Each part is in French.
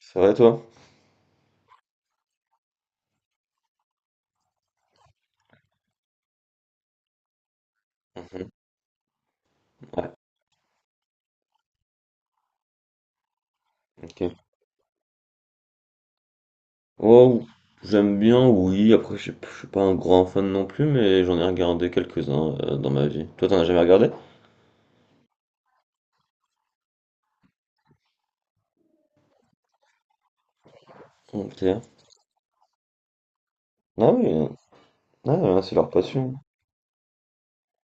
C'est vrai toi? Mhm. Ouais, ok. Oh, j'aime bien, oui. Après, je suis pas un grand fan non plus, mais j'en ai regardé quelques-uns dans ma vie. Toi, t'en as jamais regardé? Ok. Ah oui, ah, ouais, hein, c'est leur passion.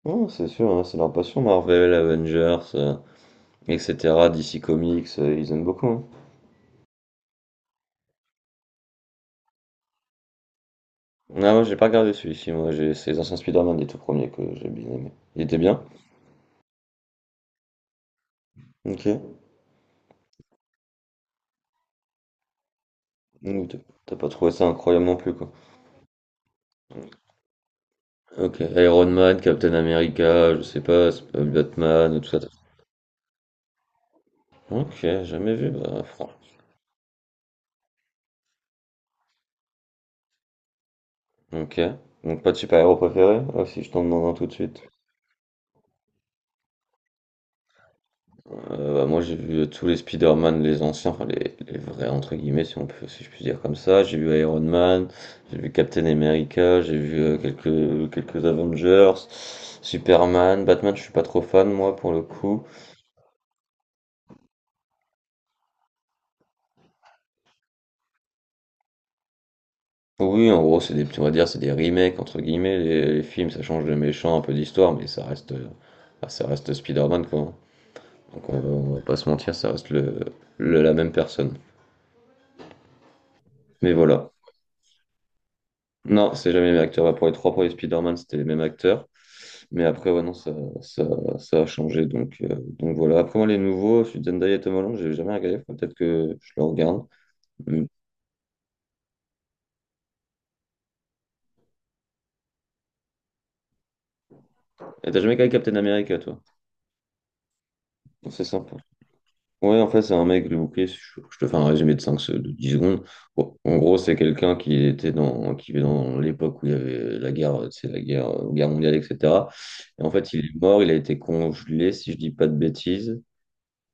Non, c'est sûr, hein, c'est leur passion. Marvel, Avengers, etc. DC Comics, ils aiment beaucoup, hein. Ah, moi, j'ai pas regardé celui-ci. Moi, j'ai c'est les anciens Spider-Man, les tout premiers que j'ai bien aimé. Il était bien? Ok. Donc, t'as pas trouvé ça incroyable non plus, quoi. OK, Iron Man, Captain America, je sais pas, Batman, tout ça. OK, jamais vu, bah, franchement. OK. Donc pas de super-héros préféré? Ah, si je t'en demande un tout de suite. Bah, moi j'ai vu tous les Spider-Man, les anciens, enfin les vrais entre guillemets si on peut, si je puis dire comme ça. J'ai vu Iron Man, j'ai vu Captain America, j'ai vu quelques Avengers, Superman, Batman, je suis pas trop fan moi pour le coup. Oui, en gros, c'est des on va dire, c'est des remakes entre guillemets. Les films, ça change de méchant, un peu d'histoire, mais ça reste, bah, ça reste Spider-Man quoi, hein. Donc on va pas se mentir, ça reste le, la même personne. Mais voilà. Non, c'est jamais le même acteur. Bah, pour les trois premiers Spider-Man, c'était les mêmes acteurs. Mais après, ouais, non, ça, ça a changé. Donc, voilà. Après, moi, les nouveaux, je suis Zendaya et Tom Holland, j'ai jamais regardé. Faut peut-être que je le regarde. Mm. Et t'as jamais regardé Captain America, toi? C'est simple. Ouais, en fait, c'est un mec, le bouclier, si je te fais un résumé de 10 secondes. Bon, en gros, c'est quelqu'un qui était dans, qui vivait dans l'époque où il y avait la guerre, c'est la guerre, guerre mondiale, etc. Et en fait, il est mort, il a été congelé, si je dis pas de bêtises.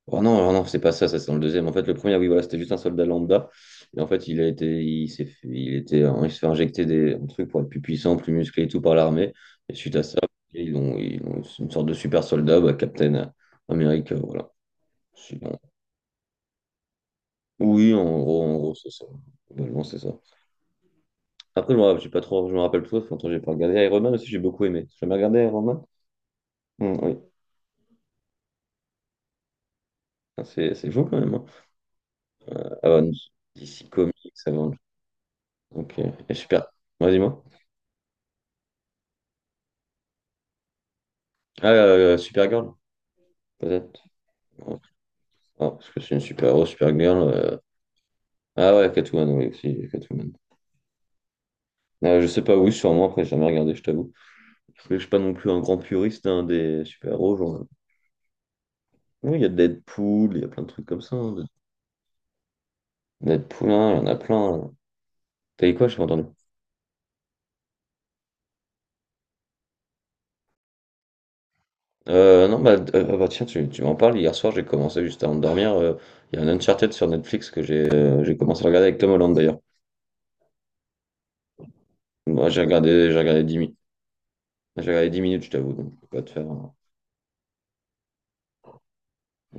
Oh non, oh non, c'est pas ça, ça c'est dans le deuxième. En fait, le premier, oui, voilà, c'était juste un soldat lambda. Et en fait, il a été, il s'est fait, il était, hein, il se fait injecter des un truc pour être plus puissant, plus musclé et tout par l'armée. Et suite à ça, ok, ils ont une sorte de super soldat, bah, Captain America, voilà. Oui, en gros, c'est ça. Globalement, c'est ça. Après, je me rappelle, j'ai pas trop, je me rappelle trop, ça fait longtemps que j'ai pas regardé Iron Man aussi, j'ai beaucoup aimé. J'ai jamais regardé Iron Man? Oui. Ah, c'est chaud quand même, hein. Avengers, DC Comics, Avengers. Ok. Et super. Vas-y, moi. Ah, Supergirl, peut-être. Ouais. Ah, parce que c'est une super-héros, Supergirl. Ah ouais, Catwoman, oui, aussi, Catwoman. Je sais pas, oui, sûrement, après, j'ai jamais regardé, je t'avoue. Parce que je suis pas non plus un grand puriste, hein, des super-héros, genre. Oui, il y a Deadpool, il y a plein de trucs comme ça, hein. Deadpool, hein, il y en a plein, hein. T'as dit quoi, je t'ai pas entendu. Non, ah bah, tiens, tu m'en parles. Hier soir, j'ai commencé juste avant de dormir. Il y a un Uncharted sur Netflix que j'ai commencé à regarder avec Tom Holland d'ailleurs. Moi, j'ai regardé 10 minutes. J'ai regardé 10 minutes, je t'avoue, donc je peux pas te faire.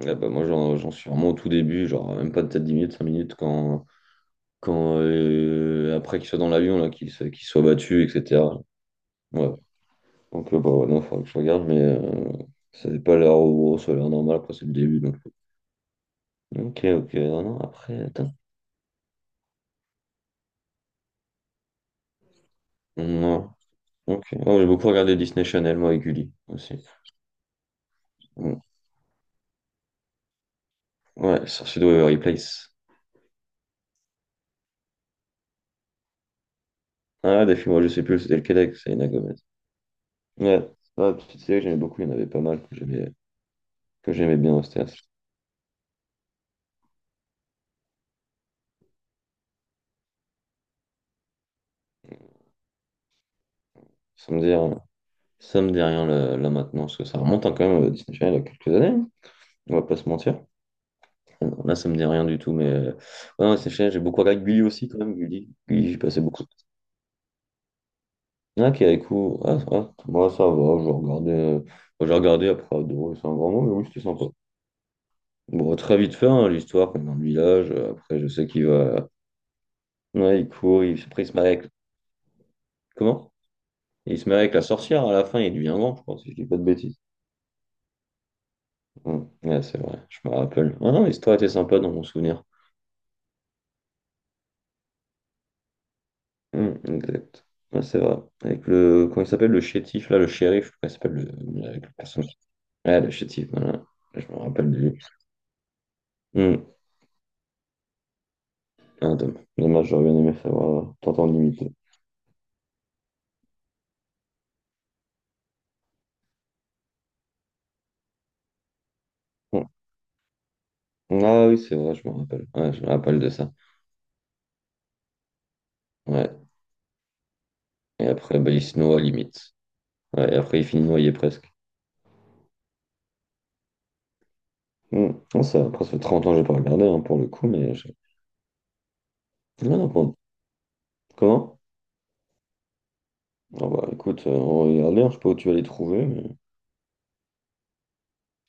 Ah bah, moi, j'en suis vraiment au tout début, genre même pas peut-être 10 minutes, 5 minutes, quand après qu'il soit dans l'avion, là, qu'il soit battu, etc. Ouais. Donc, bah, ouais, non, faudra que je regarde, mais ça n'est pas l'air au gros, ça a l'air normal, après, c'est le début. Donc. Ok, ok, non, non, après, attends. Non. Ok. Oh, j'ai beaucoup regardé Disney Channel, moi, et Gulli aussi. Mm. Ouais, Sorcier de Waverly Place. Ah, des films, moi, je sais plus, c'était lequel c'est Selena Gomez. Ouais, ah, petite série que j'aimais beaucoup, il y en avait pas mal que j'aimais bien au théâtre. Ça me dit rien, ça me dit rien là maintenant, parce que ça remonte, hein, quand même à Disney Channel il y a quelques années, hein. On va pas se mentir. Là, ça me dit rien du tout, mais ouais, non, Disney Channel, j'ai beaucoup regardé Gulli aussi quand même, Gulli. Gulli, j'ai passé beaucoup. Ah, qui avec vous. Ah, ah, moi, ça va, je regardais, j'ai regardé après, adoré, c'est un grand mot, mais oui, c'était sympa. Bon, très vite fait, hein, l'histoire, comme dans le village, après, je sais qu'il va. Ouais, il court, il, après, il se marie avec. Comment? Il se marie avec la sorcière à la fin, il devient grand, je crois, si je dis pas de bêtises. Ouais, c'est vrai, je me rappelle. Ah non, l'histoire était sympa dans mon souvenir. Exact. Ouais, c'est vrai. Avec le. Comment il s'appelle le chétif, là, le shérif, je crois qu'il s'appelle le. Avec le personnage. Ouais, le chétif, voilà. Je me rappelle de lui. Hum, Ah, dommage, j'aurais bien aimé savoir. T'entends limiter. Hum. Ah oui, c'est vrai, je me rappelle. Ouais, je me rappelle de ça. Ouais. Et après, bah, il se noie limite. Ouais, et après, il finit noyé presque. Hmm. Non, ça, après, ça fait 30 ans que j'ai pas regardé, hein, pour le coup, Ouais, non, bon. Comment? Ah bah écoute, on va regarder, hein, je sais pas où tu vas les trouver, mais.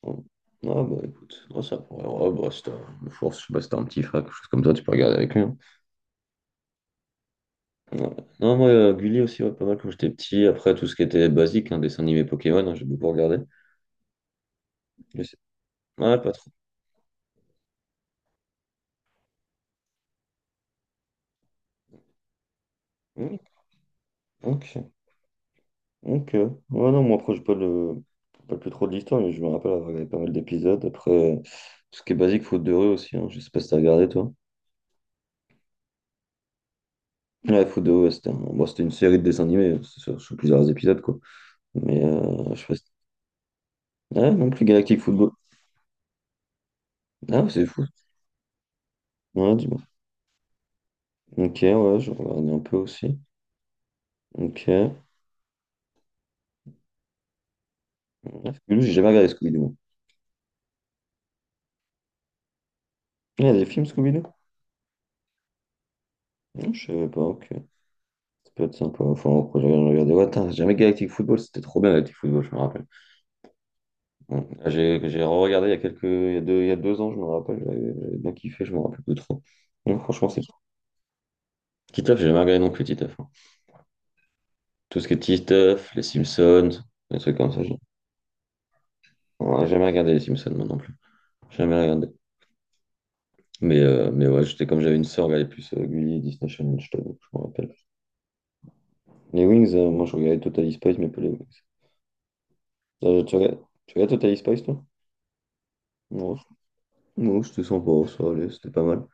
Bon. Ah bah écoute, non, ça pourrait. Ouais, bah, c'est force, je sais pas, c'était un petit frère, quelque chose comme ça, tu peux regarder avec lui, hein. Ouais. Non, moi, Gulli aussi, ouais, pas mal quand j'étais petit. Après, tout ce qui était basique, hein, dessin animé Pokémon, hein, j'ai beaucoup regardé. Je sais- Ouais, pas trop. Hmm, ok. Ok. Ouais, non, moi, après, j'ai pas le, pas plus trop de l'histoire, mais je me rappelle avoir regardé pas mal d'épisodes. Après, tout ce qui est basique, Faute de rue aussi, hein. Je sais pas si t'as regardé, toi. Ouais, Faute de rue, ouais, c'était bon, c'était une série de dessins animés, hein, c'est sur, sur plusieurs épisodes, quoi. Mais je sais pas si. Ah, non plus Galactic Football. Ah, c'est fou. Ouais, dis-moi. Ok, ouais, je regardais un peu aussi. Ok. Ouais, Scooby-Doo, j'ai jamais regardé Scooby-Doo. Il y a des films Scooby-Doo? Non, je savais pas, ok. Ça peut être sympa. Enfin, après, j'ai rien regardé. Ouais, attends, j'ai jamais Galactic Football, c'était trop bien Galactic Football, je me rappelle. Mm. J'ai regardé il y a deux ans, je me rappelle, j'avais bien kiffé, je me rappelle plus trop. Non, franchement, c'est Titeuf, j'ai jamais regardé non plus Titeuf, hein. Tout ce qui est Titeuf, les Simpsons, des trucs comme ça, j'ai ouais, j'ai jamais regardé les Simpsons moi non plus. Jamais regardé. Mais ouais, j'étais comme j'avais une sœur, elle regardait plus Gulli et Disney Channel, je t'avoue, je me rappelle. Les Wings, moi je regardais Totally Spies, mais pas les Wings. Euh, tu regardes, tu regardes Totally Spies, toi? Non, non, c'était sympa, ça allait, c'était pas mal.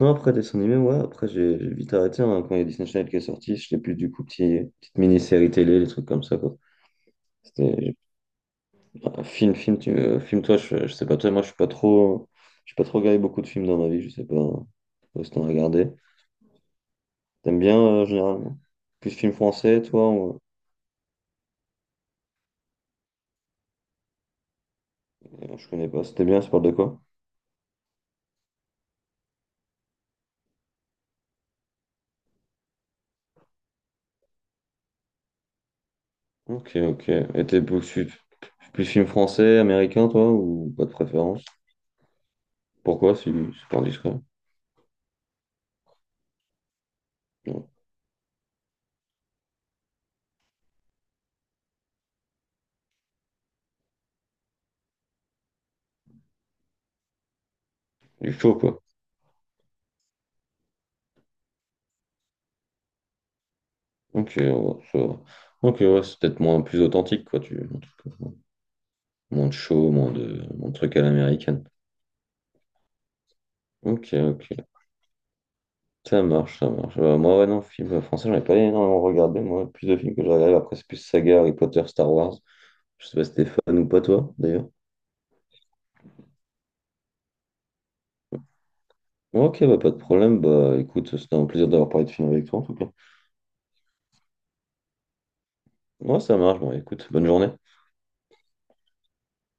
Non, après dessin animé, ouais, après j'ai vite arrêté, hein, quand il y a Disney Channel qui est sorti, je l'ai plus du coup petit, petite mini-série télé, les trucs comme ça quoi. C'était un film, film toi, je sais pas toi, moi je suis pas trop regardé beaucoup de films dans ma vie, je sais pas si t'en as regardé. T'aimes bien généralement? Plus film français, toi, ou. Je connais pas, c'était bien, ça parle de quoi? Ok, ok. Et t'es plus film français, américain, toi, ou pas de préférence? Pourquoi si c'est pas indiscret? Non. Du chaud, quoi. Ok, ouais, ça va. Ok, ouais, c'est peut-être moins plus authentique, quoi. Tu, un truc, euh. Moins de show, moins de trucs à l'américaine. Ok, ok. Ça marche, ça marche. Moi, ouais, non, film français, j'en ai pas énormément regardé. Moi, le plus de films que je regarde, après, c'est plus saga, Harry Potter, Star Wars. Je sais pas si t'es fan ou pas, toi, d'ailleurs. Ok, bah, pas de problème. Bah, écoute, c'était un plaisir d'avoir parlé de film avec toi, en tout cas. Ouais, ça marche. Bon, écoute, bonne journée.